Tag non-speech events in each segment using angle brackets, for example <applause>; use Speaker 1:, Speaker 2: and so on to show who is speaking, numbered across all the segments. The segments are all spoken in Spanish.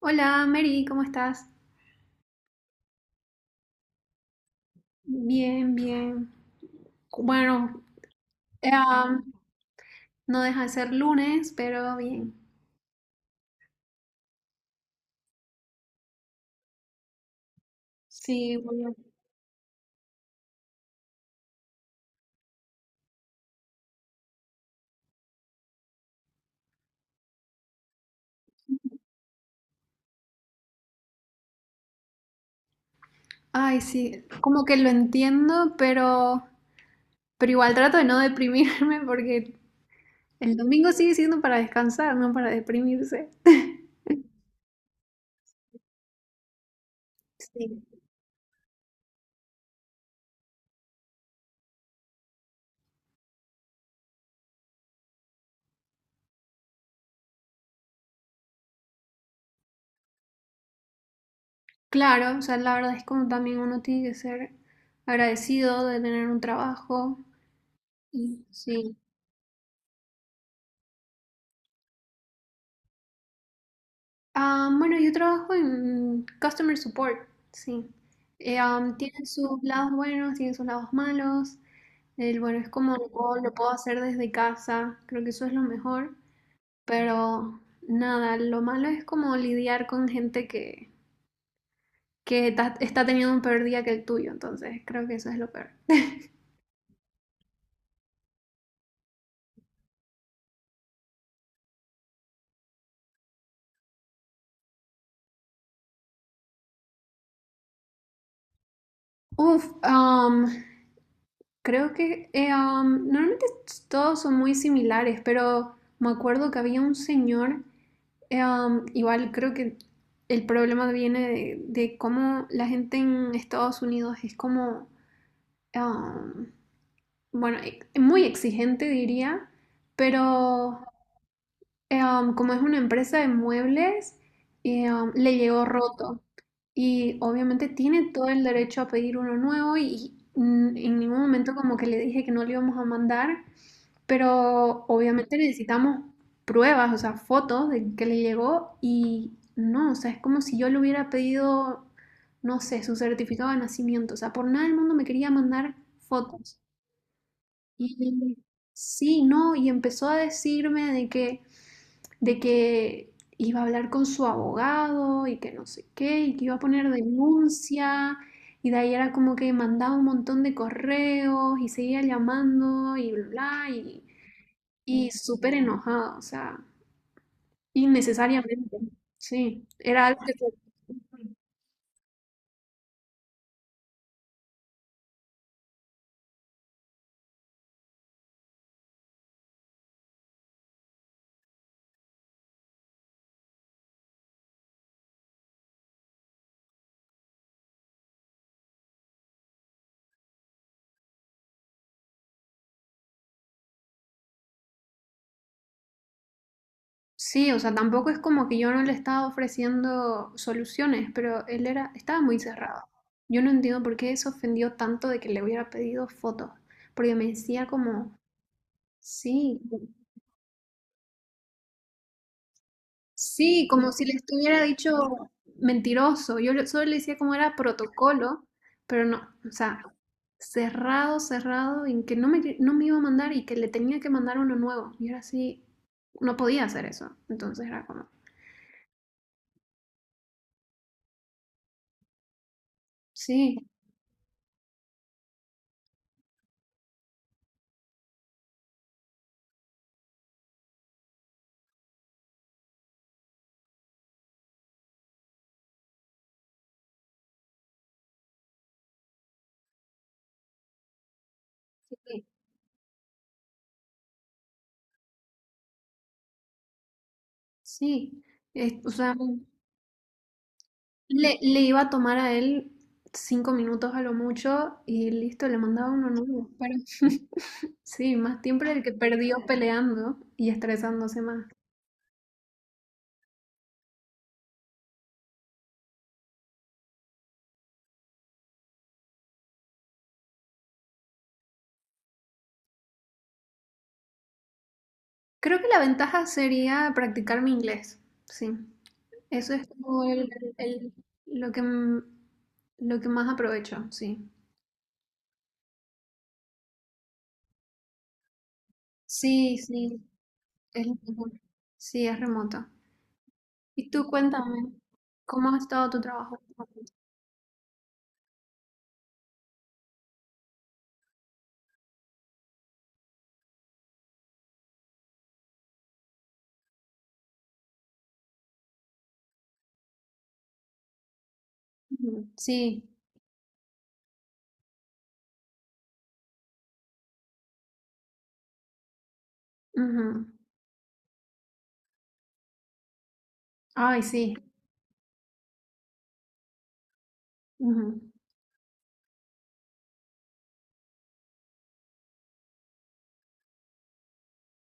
Speaker 1: Hola, Mary, ¿cómo estás? Bien, bien. Bueno, eh, am, no deja de ser lunes, pero bien. Sí, bueno. Ay, sí, como que lo entiendo, pero igual trato de no <laughs> deprimirme porque el domingo sigue siendo para descansar, no para deprimirse. Sí. Claro, o sea, la verdad es como también uno tiene que ser agradecido de tener un trabajo. Y sí. Ah, bueno, yo trabajo en customer support, sí. Tiene sus lados buenos, tiene sus lados malos. El bueno es como lo puedo hacer desde casa, creo que eso es lo mejor. Pero nada, lo malo es como lidiar con gente que está teniendo un peor día que el tuyo, entonces creo que eso es lo peor. <laughs> Uf, am, creo que normalmente todos son muy similares, pero me acuerdo que había un señor. Igual creo que el problema viene de cómo la gente en Estados Unidos es como, um, bueno, muy exigente diría, pero como es una empresa de muebles, le llegó roto y obviamente tiene todo el derecho a pedir uno nuevo y en ningún momento como que le dije que no le íbamos a mandar. Pero obviamente necesitamos pruebas, o sea, fotos de que le llegó y no, o sea, es como si yo le hubiera pedido, no sé, su certificado de nacimiento, o sea, por nada del mundo me quería mandar fotos. Y sí, no, y empezó a decirme de que iba a hablar con su abogado y que no sé qué, y que iba a poner denuncia. Y de ahí era como que mandaba un montón de correos y seguía llamando y bla, bla, y súper enojada, o sea, innecesariamente. Sí, era algo que... Sí, o sea, tampoco es como que yo no le estaba ofreciendo soluciones, pero él era, estaba muy cerrado. Yo no entiendo por qué se ofendió tanto de que le hubiera pedido fotos, porque me decía como, sí. Sí, como si le estuviera dicho mentiroso. Yo le- solo le decía como era protocolo, pero no, o sea, cerrado, cerrado, en que- no me iba a mandar y que le tenía que mandar uno nuevo. Y ahora sí, no podía hacer eso. Entonces era como, sí, sí, sí. Es- o sea, le iba a tomar a él 5 minutos a lo mucho y listo, le mandaba uno nuevo. Pero <laughs> sí, más tiempo era el que perdió peleando y estresándose más. Creo que la ventaja sería practicar mi inglés, sí. Eso es como el- lo que lo que más aprovecho, sí. Sí, sí, es lo mejor. Sí, es remota. Y tú cuéntame, ¿cómo ha estado tu trabajo? Ujú, sí. Ujú. Ay, sí. Ujú.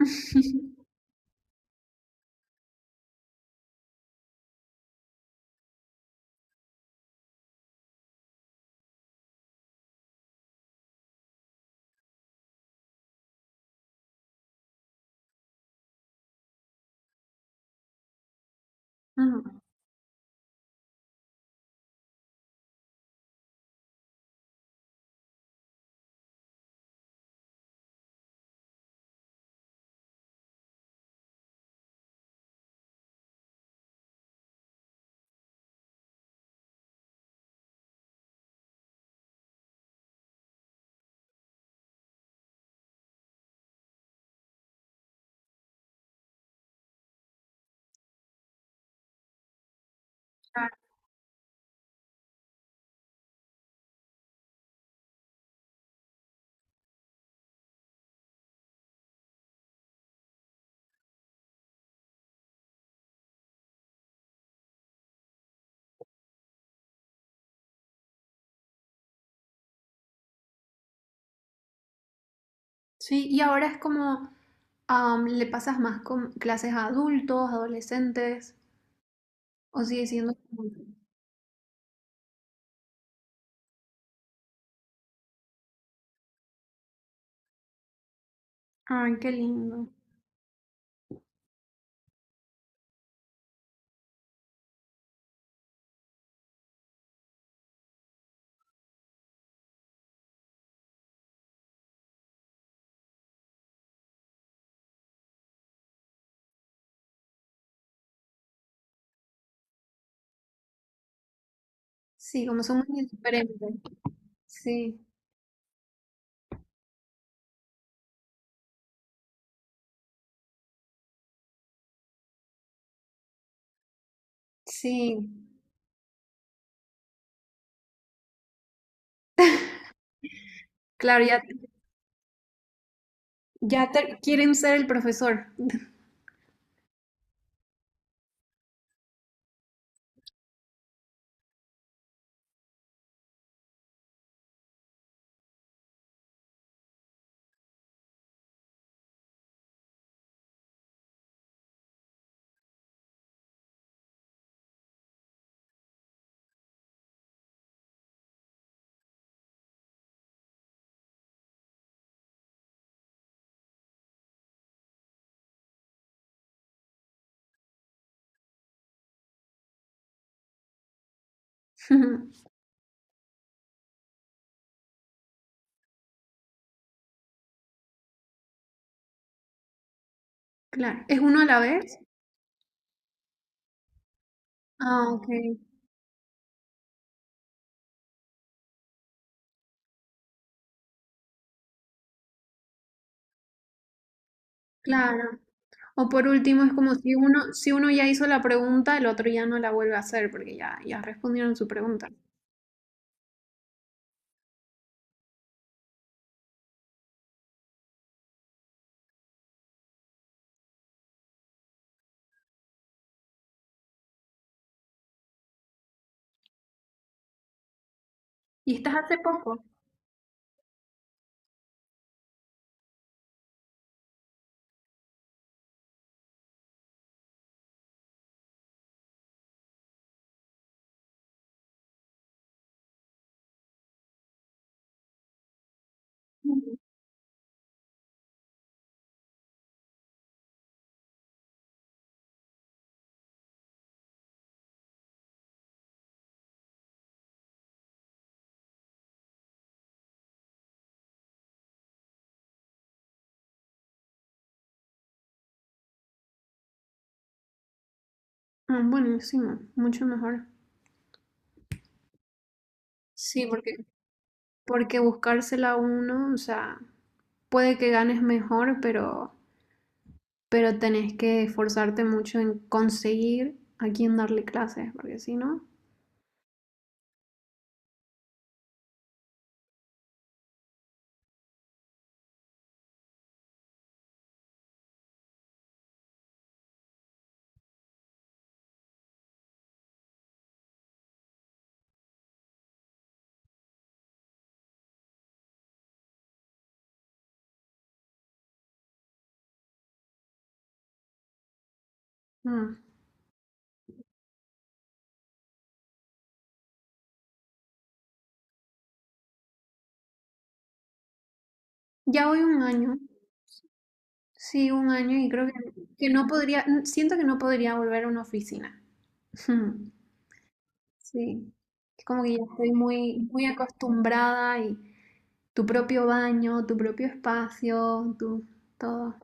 Speaker 1: <laughs> Ujú, claro. Sí, y ahora es como, le pasas más con clases a adultos, adolescentes, o sigue siendo... como- Ay, qué lindo. Sí, como somos muy diferentes. Sí, sí. Claro, ya, ya te- quieren ser el profesor. <laughs> Claro. ¿Es uno a la vez? Ah, ok. Claro. O por último, es como si uno, si uno ya hizo la pregunta, el otro ya no la vuelve a hacer porque ya, ya respondieron su pregunta. ¿Y estás hace poco? Ujú. Ah, buenísimo, mucho mejor. Sí, porque, porque buscársela uno, o sea, puede que ganes mejor, pero tenés que esforzarte mucho en conseguir a quién darle clases, porque si no, mm. Ya voy un año, sí, un año y creo que no podría, siento que no podría volver a una oficina. <laughs> Sí, es como que ya estoy muy, muy acostumbrada y tu propio baño, tu propio espacio, tu todo.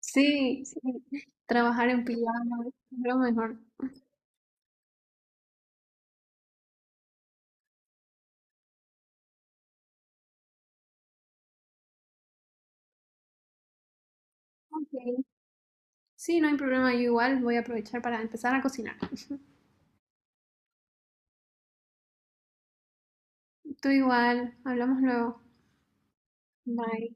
Speaker 1: Sí, sí, trabajar en pijama es lo mejor. Ok. Sí, no hay problema, yo igual voy a aprovechar para empezar a cocinar. <laughs> Tú igual, hablamos luego. Bye.